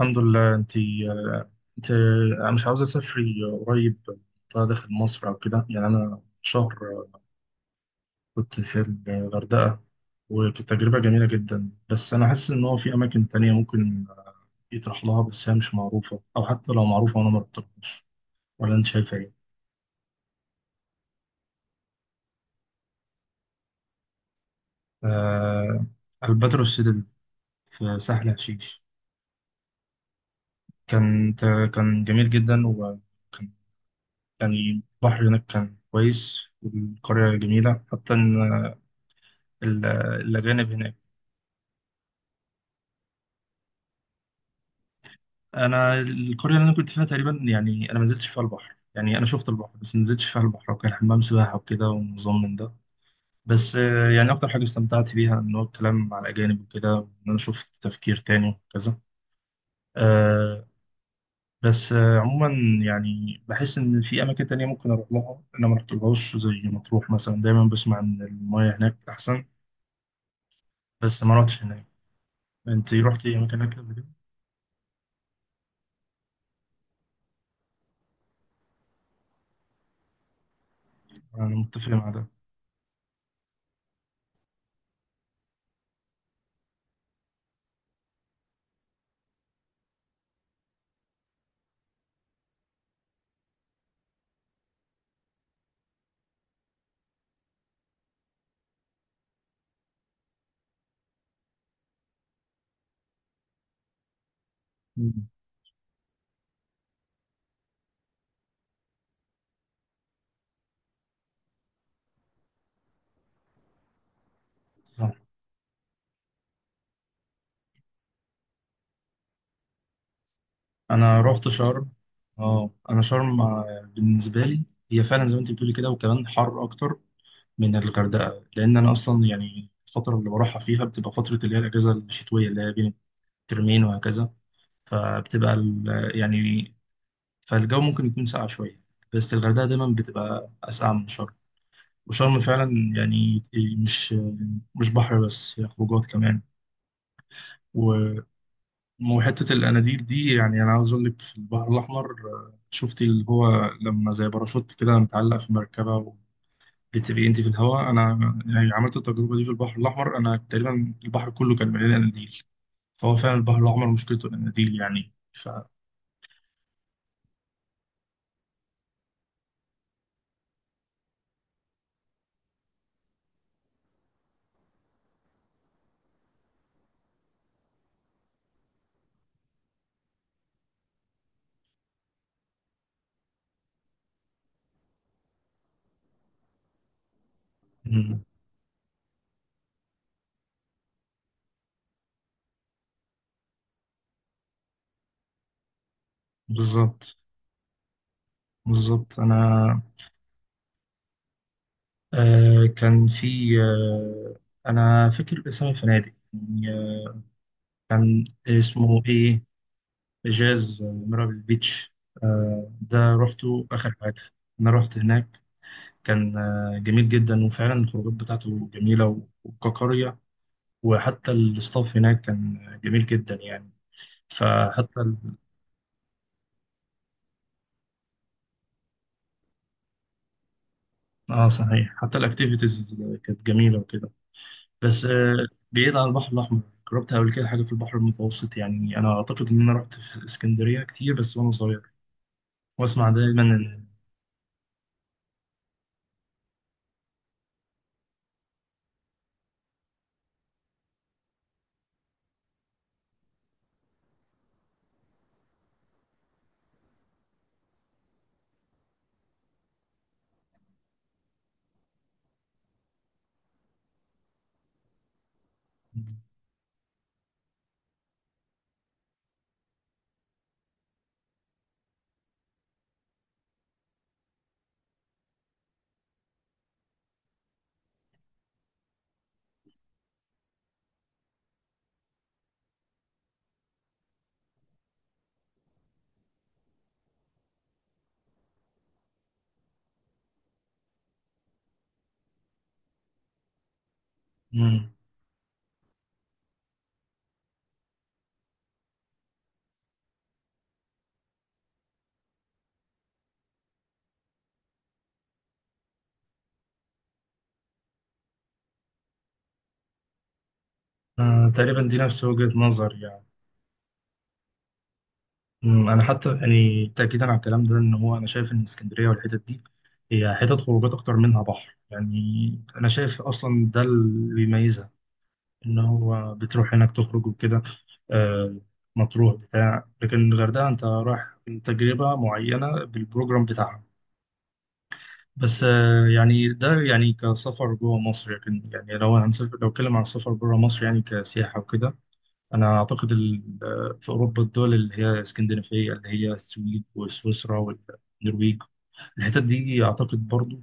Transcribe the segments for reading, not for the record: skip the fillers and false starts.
الحمد لله. انت؟ انا مش عاوز اسافري قريب، منطقه داخل مصر او كده. يعني انا شهر كنت في الغردقه، وكانت تجربه جميله جدا، بس انا حاسس ان هو في اماكن تانية ممكن يطرح لها، بس هي مش معروفه، او حتى لو معروفه وانا ما رحتهاش. ولا انت شايفه ايه؟ آه. الباترو السيدل في سهل حشيش. كان كان جميل جدا. وكان يعني البحر هناك كان كويس، والقريه جميله، حتى ان الاجانب هناك... انا القريه اللي انا كنت فيها تقريبا، يعني انا ما نزلتش فيها البحر، يعني انا شفت البحر بس ما نزلتش فيها البحر، وكان حمام سباحه وكده، ونظام من ده. بس يعني اكتر حاجه استمتعت بيها ان هو الكلام مع الاجانب وكده، ان انا شفت تفكير تاني وكذا. آه، بس عموما، يعني بحس ان في اماكن تانية ممكن اروح لها انا ما رحتلهاش، زي مطروح مثلا. دايما بسمع ان المياه هناك احسن، بس ما رحتش هناك. انت رحتي اماكن هناك قبل كده؟ انا متفق مع ده. مم. انا رحت شرم. اه. انا شرم بالنسبه لي هي فعلا زي ما انت بتقولي كده، وكمان حر اكتر من الغردقه، لان انا اصلا يعني الفتره اللي بروحها فيها بتبقى فتره اللي هي الاجازه الشتويه اللي هي بين الترمين وهكذا. فبتبقى يعني فالجو ممكن يكون ساقع شويه، بس الغردقه دايما بتبقى اسقع من شرم. وشرم فعلا يعني مش مش بحر بس، هي خروجات كمان. وحتة الأناديل دي، يعني أنا عاوز أقول لك في البحر الأحمر، شفتي اللي هو لما زي باراشوت كده متعلق في مركبة وبتبقي أنت في الهواء؟ أنا يعني عملت التجربة دي في البحر الأحمر، أنا تقريبا البحر كله كان مليان أناديل. فهو فعلا البحر الأحمر مشكلته الأناديل يعني. ف... مم. بالظبط. بالظبط. أنا كان في... أنا فاكر اسم الفنادق، يعني، كان اسمه إيه؟ جاز ميرابل بيتش. ده روحته آخر حاجة. أنا رحت هناك، كان جميل جدا، وفعلا الخروجات بتاعته جميلة وكقرية. وحتى الستاف هناك كان جميل جدا يعني. فحتى ال... اه صحيح، حتى الاكتيفيتيز كانت جميلة وكده. بس بعيد عن البحر الأحمر، جربت قبل كده حاجة في البحر المتوسط؟ يعني أنا أعتقد إن أنا رحت في اسكندرية كتير بس وأنا صغير، وأسمع دايما إن... مم. تقريبا دي نفس وجهة نظري يعني. انا حتى يعني تاكيدا على الكلام ده، ان هو انا شايف ان اسكندريه والحتت دي هي حتت خروجات اكتر منها بحر يعني. انا شايف اصلا ده اللي بيميزها، ان هو بتروح هناك تخرج وكده. آه، مطروح بتاع. لكن الغردقه انت رايح تجربه معينه بالبروجرام بتاعها. بس يعني ده يعني كسفر جوه مصر. لكن يعني لو هنسافر، لو اتكلم عن السفر بره مصر يعني كسياحه وكده، أنا أعتقد في أوروبا الدول اللي هي اسكندنافية، اللي هي السويد وسويسرا والنرويج، الحتت دي أعتقد برضو،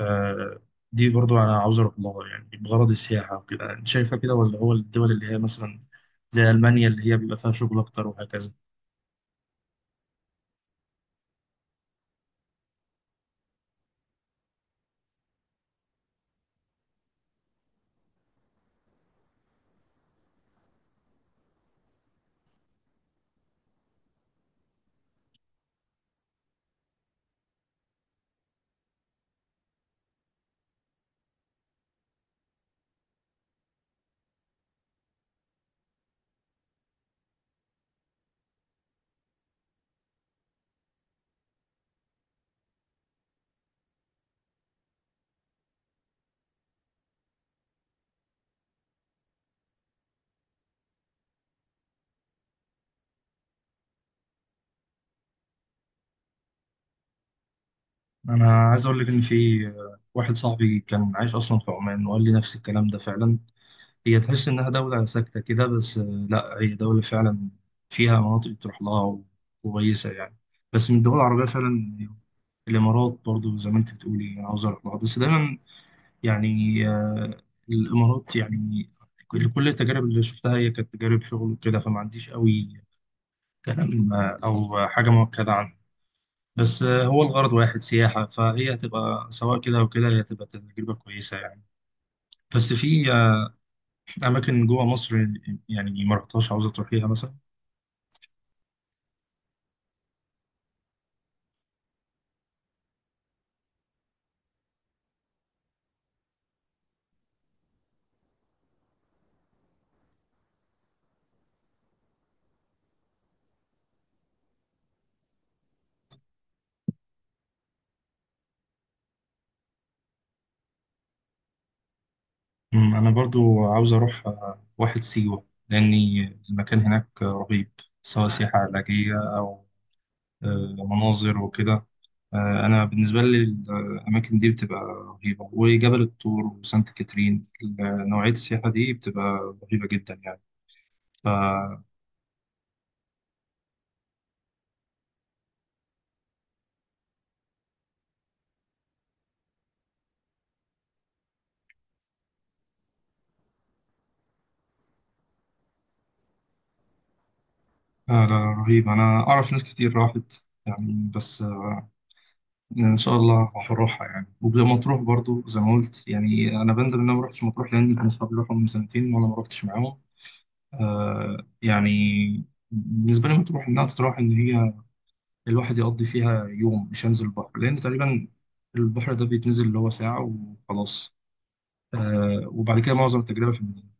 آه، دي برضو أنا عاوز أروح لها يعني بغرض السياحة وكده. أنت شايفة كده، ولا هو الدول اللي هي مثلا زي ألمانيا اللي هي بيبقى فيها شغل أكتر وهكذا؟ أنا عايز أقول لك إن في واحد صاحبي كان عايش أصلا في عمان، وقال لي نفس الكلام ده فعلا. هي تحس إنها دولة ساكتة كده، بس لا، هي دولة فعلا فيها مناطق تروح لها كويسة، يعني بس من الدول العربية فعلا. الإمارات برضو زي ما أنت بتقولي أنا عاوز أروح لها، بس دايما يعني، آه، الإمارات يعني كل التجارب اللي شفتها هي كانت تجارب شغل وكده، فما عنديش قوي كلام، أو حاجة مؤكدة عنها. بس هو الغرض واحد سياحة، فهي هتبقى سواء كده أو كده، هي هتبقى تجربة كويسة يعني. بس في أماكن جوه مصر يعني ما رحتهاش، عاوزة تروحيها مثلا؟ أنا برضو عاوز أروح واحد سيوة، لأني المكان هناك رهيب. سواء سياحة علاجية أو مناظر وكده. أنا بالنسبة لي الأماكن دي بتبقى رهيبة، وجبل الطور وسانت كاترين، نوعية السياحة دي بتبقى رهيبة جدا يعني. ف آه، لا، رهيب. أنا أعرف ناس كتير راحت يعني، بس ان شاء الله هروحها يعني. ومطروح برضو زي ما قلت، يعني انا بندم ان انا ما رحتش مطروح، لان كانوا اصحابي راحوا من سنتين، وانا ما رحتش معاهم. يعني بالنسبه لي مطروح انها تتراح، ان هي الواحد يقضي فيها يوم. مش هنزل البحر، لان تقريبا البحر ده بيتنزل اللي هو ساعه وخلاص. آه، وبعد كده معظم التجربه في المدينه.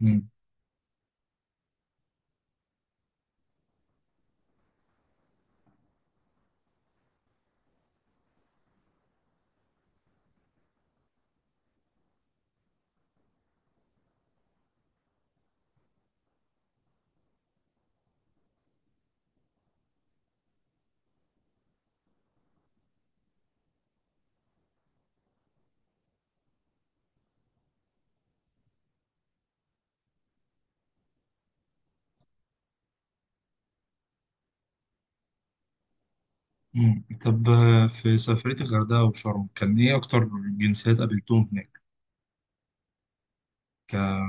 مم. مم. طب في سفريه الغردقه وشرم كان ايه اكتر جنسيات قابلتهم هناك؟ كان...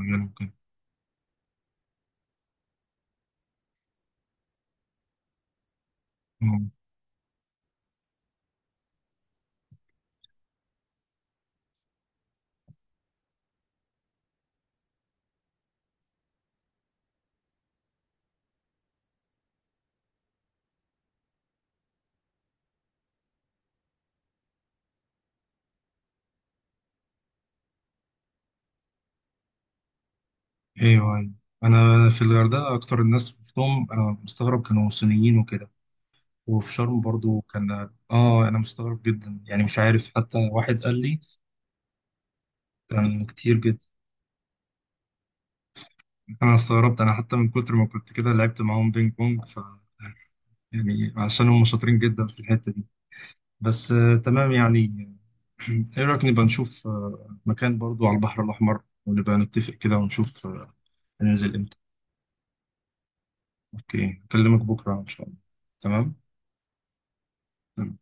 ممكن... ايوه، ايوه. انا في الغردقه اكتر الناس شفتهم، انا مستغرب كانوا صينيين وكده. وفي شرم برضو كان... اه، انا مستغرب جدا يعني. مش عارف، حتى واحد قال لي كان كتير جدا. انا استغربت، انا حتى من كتر ما كنت كده لعبت معاهم بينج بونج. ف يعني عشان هم شاطرين جدا في الحته دي. بس تمام يعني. ايه رايك نبقى نشوف مكان برضو على البحر الاحمر، ونبقى نتفق كده ونشوف هننزل امتى؟ اوكي، اكلمك بكره ان شاء الله. تمام. تمام.